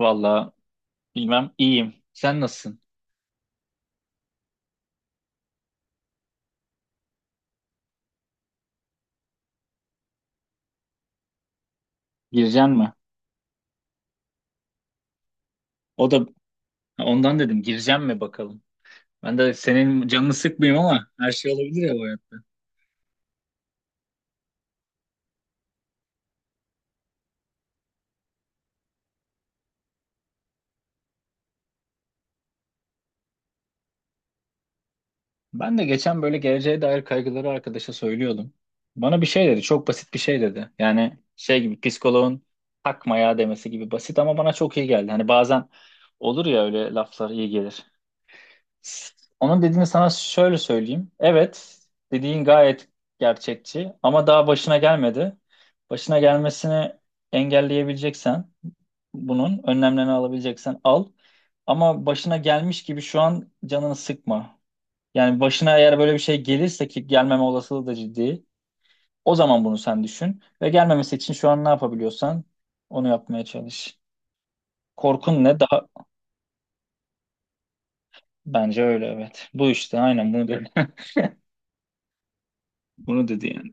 Vallahi bilmem iyiyim. Sen nasılsın? Gireceksin mi? O da ha, ondan dedim gireceğim mi bakalım. Ben de senin canını sıkmayayım ama her şey olabilir ya bu hayatta. Ben de geçen böyle geleceğe dair kaygıları arkadaşa söylüyordum. Bana bir şey dedi. Çok basit bir şey dedi. Yani şey gibi psikoloğun takma ya demesi gibi basit ama bana çok iyi geldi. Hani bazen olur ya öyle laflar iyi gelir. Onun dediğini sana şöyle söyleyeyim. Evet, dediğin gayet gerçekçi ama daha başına gelmedi. Başına gelmesini engelleyebileceksen bunun önlemlerini alabileceksen al. Ama başına gelmiş gibi şu an canını sıkma. Yani başına eğer böyle bir şey gelirse ki gelmeme olasılığı da ciddi. O zaman bunu sen düşün ve gelmemesi için şu an ne yapabiliyorsan onu yapmaya çalış. Korkun ne? Daha bence öyle evet. Bu işte aynen bunu dedi. Bunu dedi yani.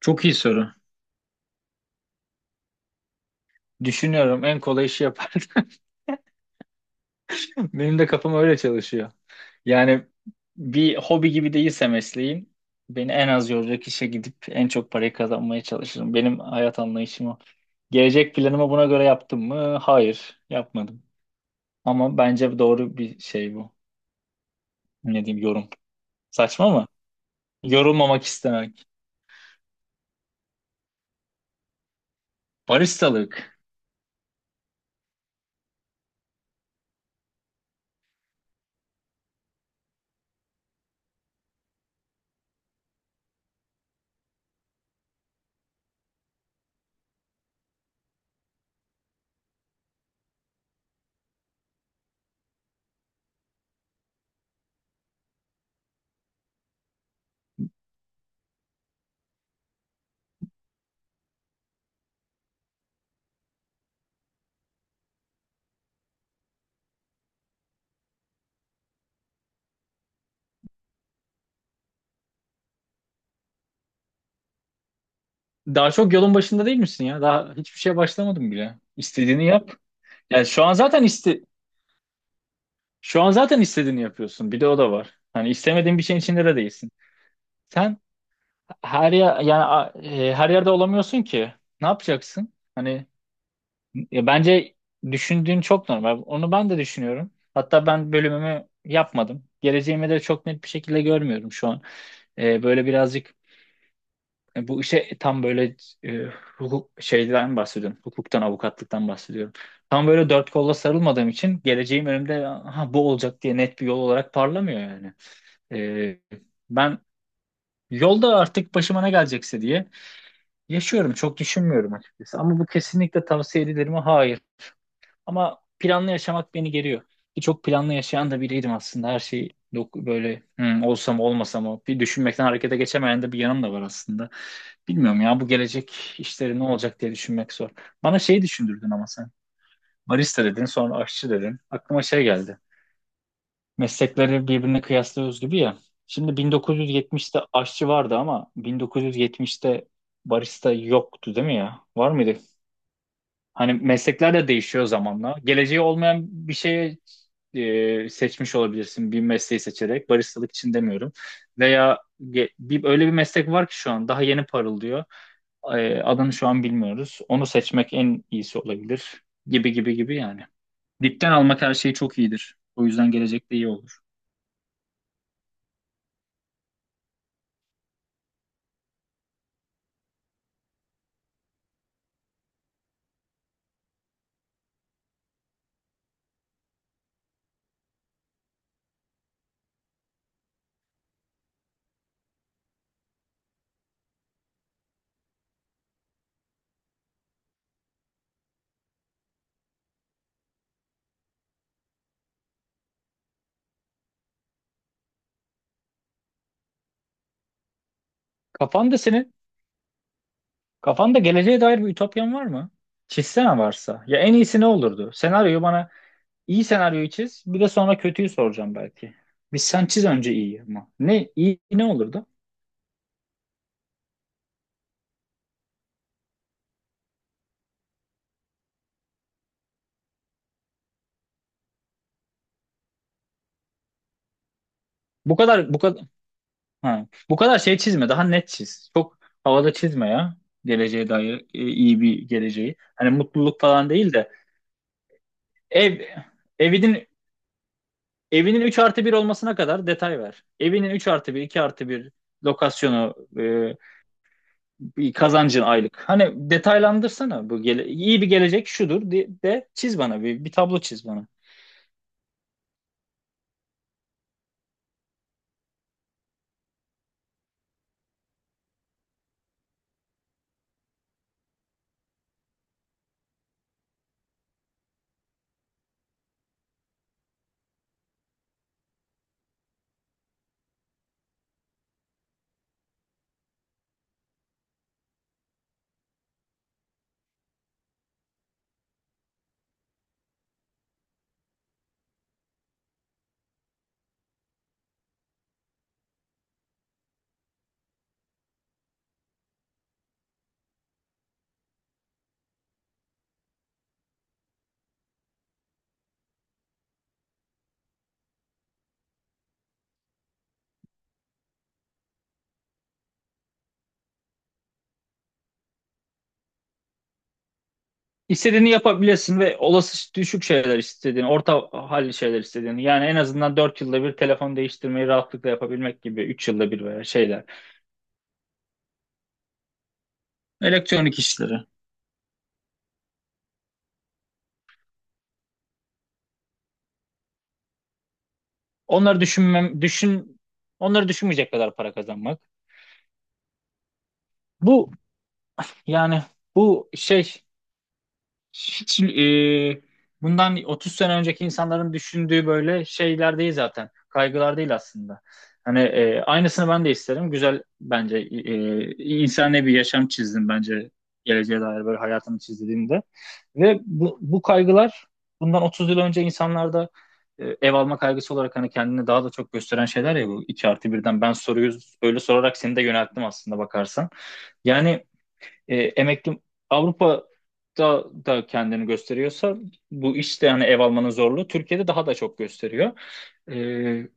Çok iyi soru. Düşünüyorum en kolay işi yapardım. Benim de kafam öyle çalışıyor. Yani bir hobi gibi değilse mesleğin beni en az yoracak işe gidip en çok parayı kazanmaya çalışırım. Benim hayat anlayışım o. Gelecek planımı buna göre yaptım mı? Hayır, yapmadım. Ama bence doğru bir şey bu. Ne diyeyim yorum. Saçma mı? Yorulmamak istemek. Baristalık. Daha çok yolun başında değil misin ya? Daha hiçbir şeye başlamadım bile. İstediğini yap. Yani şu an zaten iste Şu an zaten istediğini yapıyorsun. Bir de o da var. Hani istemediğin bir şeyin içinde de değilsin. Sen her yer yani a- e, her yerde olamıyorsun ki. Ne yapacaksın? Hani bence düşündüğün çok normal. Onu ben de düşünüyorum. Hatta ben bölümümü yapmadım. Geleceğimi de çok net bir şekilde görmüyorum şu an. Böyle birazcık e, bu işe tam böyle e, hukuk şeyden bahsediyorum. Hukuktan, avukatlıktan bahsediyorum. Tam böyle dört kolla sarılmadığım için geleceğim önümde ha, bu olacak diye net bir yol olarak parlamıyor yani. Ee, Ben yolda artık başıma ne gelecekse diye yaşıyorum. Çok düşünmüyorum açıkçası. Ama bu kesinlikle tavsiye edilir mi? Hayır. Ama planlı yaşamak beni geriyor. Ki çok planlı yaşayan da biriydim aslında. Her şey böyle, hmm, olsa mı olmasa mı bir düşünmekten harekete geçemeyen de bir yanım da var aslında. Bilmiyorum ya bu gelecek işleri ne olacak diye düşünmek zor. Bana şeyi düşündürdün ama sen. Barista dedin sonra aşçı dedin. Aklıma şey geldi. Meslekleri birbirine kıyaslıyoruz gibi ya. Şimdi 1970'te aşçı vardı ama 1970'te barista yoktu değil mi ya? Var mıydı? Hani meslekler de değişiyor zamanla. Geleceği olmayan bir şeye seçmiş olabilirsin bir mesleği seçerek. Baristalık için demiyorum. Veya öyle bir meslek var ki şu an daha yeni parıldıyor. Adını şu an bilmiyoruz. Onu seçmek en iyisi olabilir. Gibi yani. Dipten almak her şey çok iyidir. O yüzden gelecekte iyi olur. Kafanda senin Kafanda geleceğe dair bir ütopyan var mı? Çizsene varsa. Ya en iyisi ne olurdu? Senaryoyu bana iyi senaryoyu çiz. Bir de sonra kötüyü soracağım belki. Sen çiz önce iyi ama. Ne iyi ne olurdu? Bu kadar bu kadar ha, bu kadar şey çizme. Daha net çiz. Çok havada çizme ya. Geleceğe dair iyi bir geleceği. Hani mutluluk falan değil de ev evinin evinin 3 artı bir olmasına kadar detay ver. Evinin 3 artı bir, 2 artı bir, lokasyonu, bir kazancın aylık. Hani detaylandırsana bu gele iyi bir gelecek şudur de, çiz bana bir tablo çiz bana. İstediğini yapabilirsin ve olası düşük şeyler istediğini, orta halli şeyler istediğini. Yani en azından 4 yılda bir telefon değiştirmeyi rahatlıkla yapabilmek gibi 3 yılda bir veya şeyler. Elektronik işleri. Onları düşünmem, düşün, Onları düşünmeyecek kadar para kazanmak. Bu yani bu şey Hiç, bundan 30 sene önceki insanların düşündüğü böyle şeyler değil zaten. Kaygılar değil aslında. Hani aynısını ben de isterim. Güzel bence, insani bir yaşam çizdim bence geleceğe dair böyle hayatımı çizdiğimde. Ve bu kaygılar bundan 30 yıl önce insanlarda ev alma kaygısı olarak hani kendini daha da çok gösteren şeyler ya, bu 2 artı birden ben soruyu öyle sorarak seni de yönelttim aslında bakarsan. Yani emekli Avrupa'da da kendini gösteriyorsa bu işte, yani ev almanın zorluğu Türkiye'de daha da çok gösteriyor. E,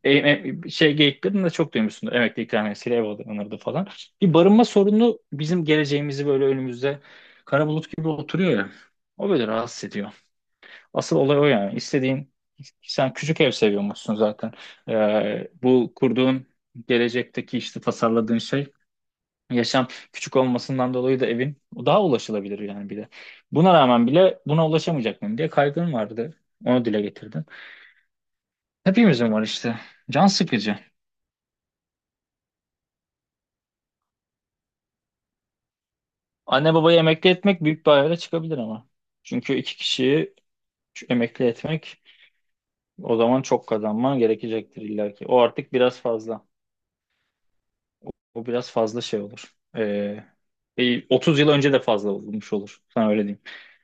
şey geyiklerini de çok duymuşsundur. Emekli ikramiyesiyle ev alınırdı falan. Bir barınma sorunu bizim geleceğimizi böyle önümüzde kara bulut gibi oturuyor ya. O böyle rahatsız ediyor. Asıl olay o yani. Sen küçük ev seviyormuşsun zaten. Bu kurduğun gelecekteki işte tasarladığın şey, yaşam küçük olmasından dolayı da evin o daha ulaşılabilir yani bir de. Buna rağmen bile buna ulaşamayacak mıyım diye kaygın vardı. Onu dile getirdim. Hepimizin var işte. Can sıkıcı. Anne babayı emekli etmek büyük bir hayale çıkabilir ama. Çünkü iki kişiyi emekli etmek o zaman çok kazanman gerekecektir illa ki. O artık biraz fazla. O biraz fazla şey olur. 30 yıl önce de fazla olmuş olur. Sana öyle diyeyim.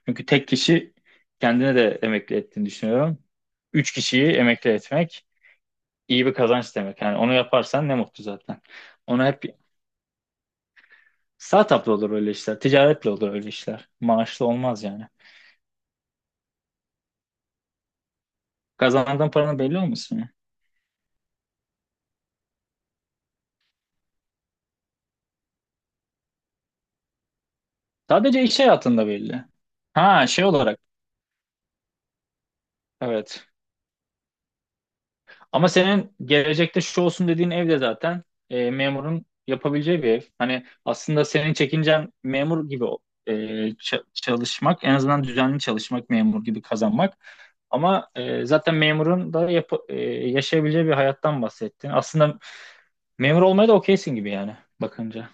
Çünkü tek kişi kendine de emekli ettiğini düşünüyorum. 3 kişiyi emekli etmek iyi bir kazanç demek. Yani onu yaparsan ne mutlu zaten. Onu hep Startup'la olur öyle işler. Ticaretle olur öyle işler. Maaşlı olmaz yani. Kazandığın paranın belli olmasın ya. Sadece iş hayatında belli. Ha, şey olarak. Evet. Ama senin gelecekte şu olsun dediğin ev de zaten memurun yapabileceği bir ev. Hani aslında senin çekincen memur gibi e, çalışmak, en azından düzenli çalışmak, memur gibi kazanmak. Ama zaten memurun da yaşayabileceği bir hayattan bahsettin. Aslında memur olmaya da okeysin gibi yani bakınca.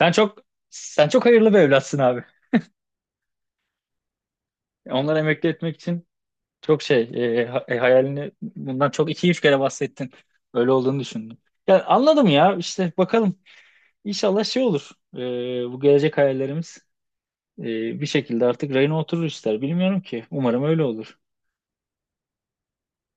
Sen çok sen çok hayırlı bir evlatsın abi. Onları emekli etmek için, Çok şey e, ha- e, hayalini bundan çok iki üç kere bahsettin. Öyle olduğunu düşündüm. Yani anladım ya, işte bakalım inşallah şey olur. Bu gelecek hayallerimiz e, bir şekilde artık rayına oturur ister. Bilmiyorum ki. Umarım öyle olur.